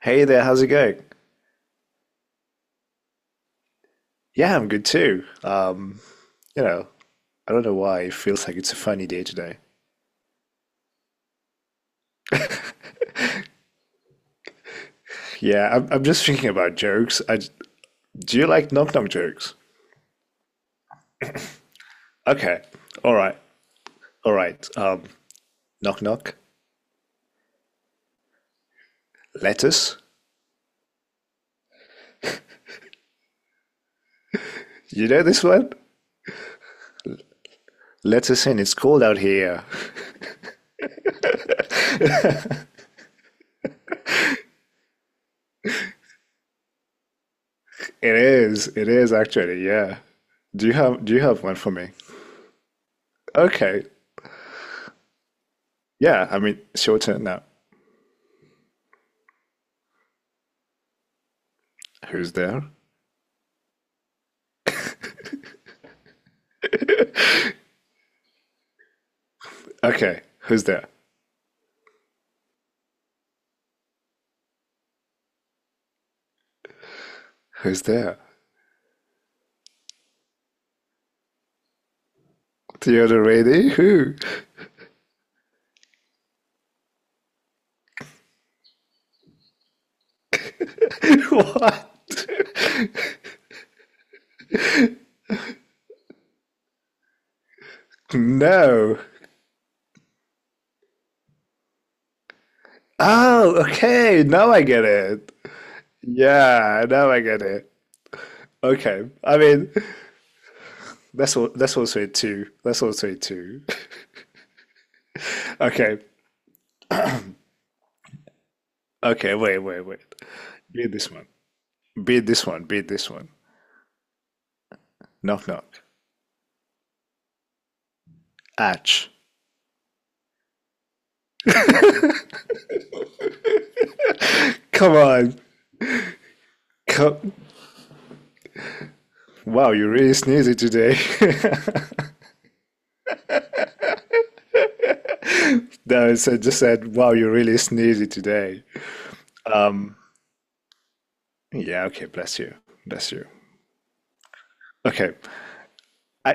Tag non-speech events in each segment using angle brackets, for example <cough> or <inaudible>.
Hey there, how's it going? Yeah, I'm good too. You know, I don't know why it feels like it's a funny day today. Yeah, I'm just thinking about jokes. Do you like knock knock jokes? Okay, all right, all right. Knock knock, lettuce. You know this one? Lettuce in. It's cold out here. <laughs> It is. It is actually. Yeah. Do you have one for me? Okay. Yeah. I mean, it's your turn now. Who's there? Okay. Who's there? Who's there? The other lady? Who? <laughs> What? <laughs> No. Oh, okay. Now I get it. Yeah, now I get it. Okay. I mean, that's all. That's also a two. That's also a two. <laughs> Okay. Okay. Wait. Wait. Wait. Beat this one. Beat this one. Beat this one. Knock knock. Atch. Come on. Come. Wow, you really sneezy today. <laughs> No, it said, just said, wow, you really sneezy today. Yeah. Okay. Bless you. Bless you. Okay. I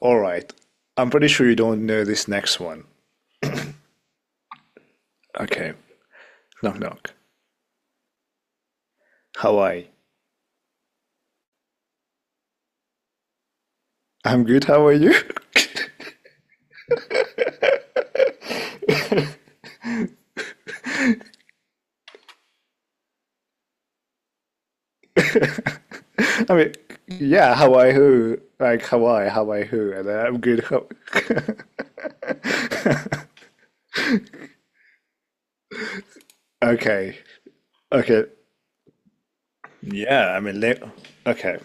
All right. I'm pretty sure you don't know this next one. Okay. Knock knock. Hawaii. I'm good. How are you? <laughs> I mean, yeah, Hawaii who? Like Hawaii, Hawaii who? And then I'm good. How. <laughs> Okay. Okay. Yeah, I mean, okay.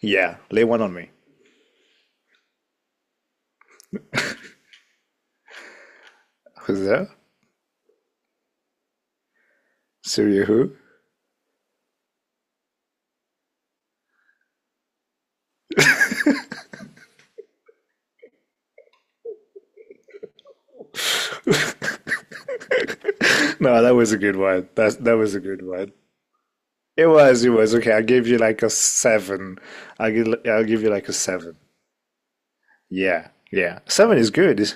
Yeah, lay one on me. Who's that? Surya who? <laughs> No, that was a good one. That was a good one. It was, it was. Okay, I'll give you like a seven. I'll give you like a seven. Yeah, yeah. Seven is good.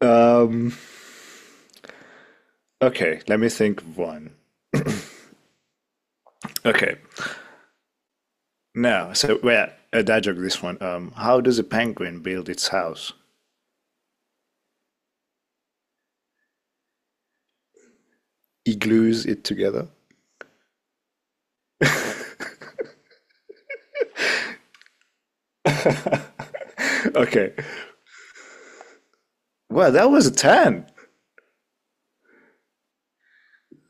Um, Okay, let me think of one. Okay, now, so where a dad joke this one. How does a penguin build its house? He glues it together. <laughs> Okay, well, that was a ten.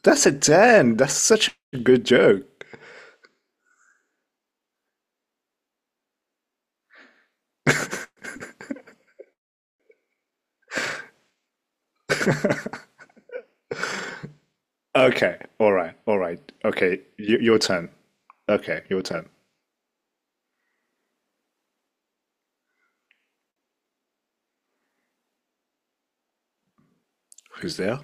That's a ten. That's such a good joke. Okay, all right, all right. Okay, your turn. Okay, your turn. Who's there?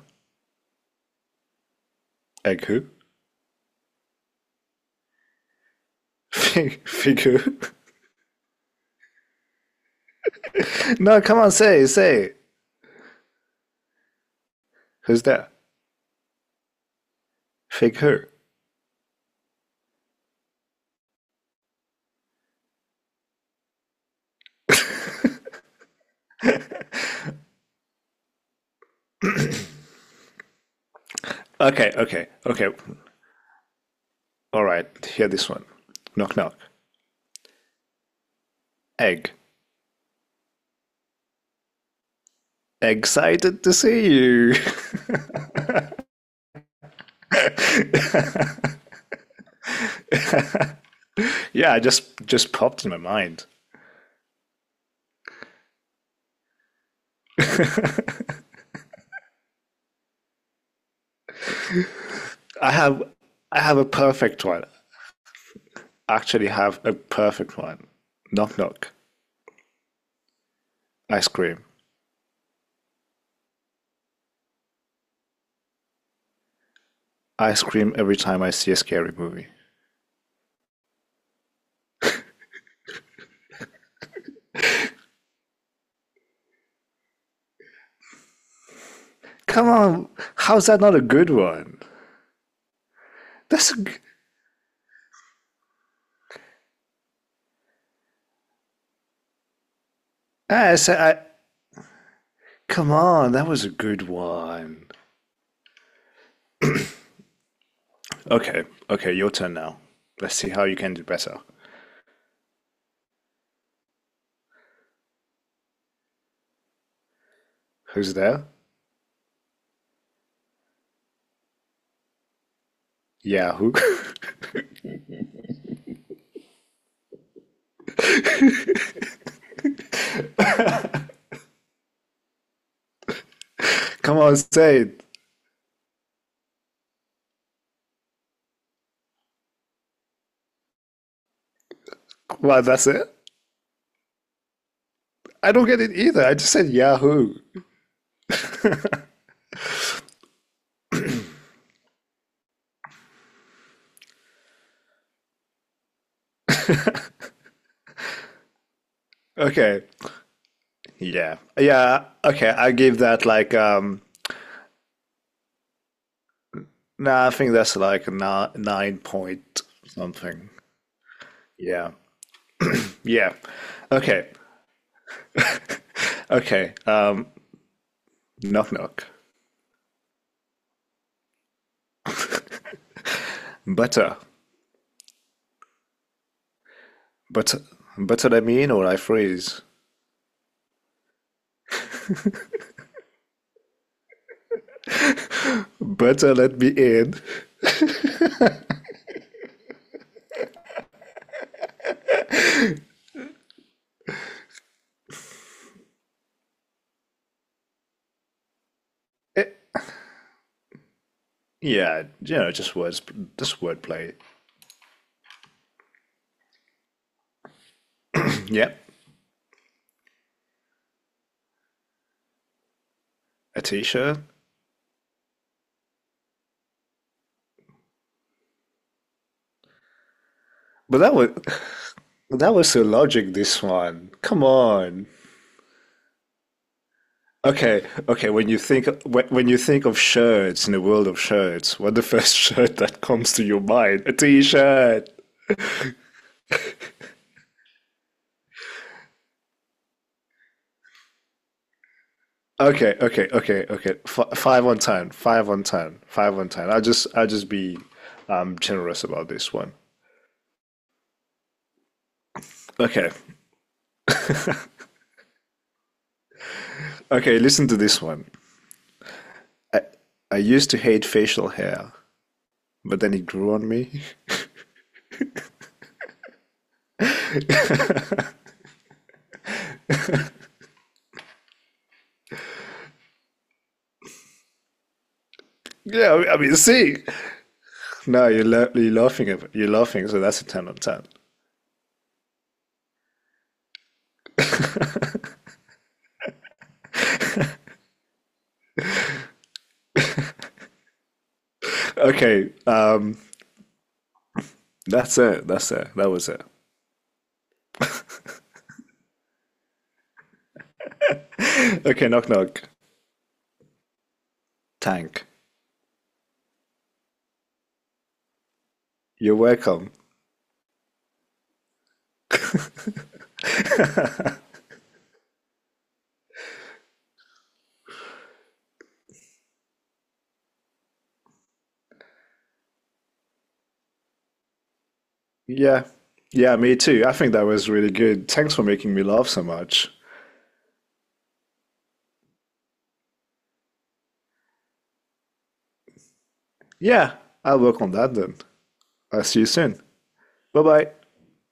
Egg who? <laughs> Fig, fig who? <laughs> No, come on, say, say. Who's there? Fig who? Okay, okay, okay. All right, hear this one. Knock, knock. Egg. Excited to see you. <laughs> Yeah, I just popped in my mind. I have I have a perfect one. I actually have a perfect one. Knock knock. I scream. I scream every time I see a scary movie. Come on, how's that not a good one? That's a, g- I said I Come on, that was a good one. Okay, okay, your turn now. Let's see how you can do better. Who's there? Yeah, who? <laughs> Come on, say it. What, that's it? I don't get it either. I just said Yahoo. Okay. Yeah. Yeah. Okay. I give that like no, nah, I think that's like a nine point something. Yeah. Yeah. Okay. Okay. Knock knock. Butter. Butter butter let me in or I freeze. Butter let me in. Eh, yeah, just wordplay. Yep. A t-shirt. But that was so logic this one. Come on. Okay, okay. When you think of shirts in the world of shirts, what the first <laughs> shirt that comes to your mind? A t-shirt. Okay, okay, okay, okay. F Five on ten, five on ten, five on ten. I'll just be generous about this one. Okay, okay. Listen to this one. I I used to hate facial hair, but then it grew on me. <laughs> Yeah, I mean, see. No, you're laughing at you're laughing, so that's a ten on ten. Okay, that's it. That's it. That was it. Okay, knock knock. Tank. You're welcome. Yeah. Yeah, me too. I think that was really good. Thanks for making me laugh so much. Yeah, I'll work on that then. I'll see you soon. Bye bye.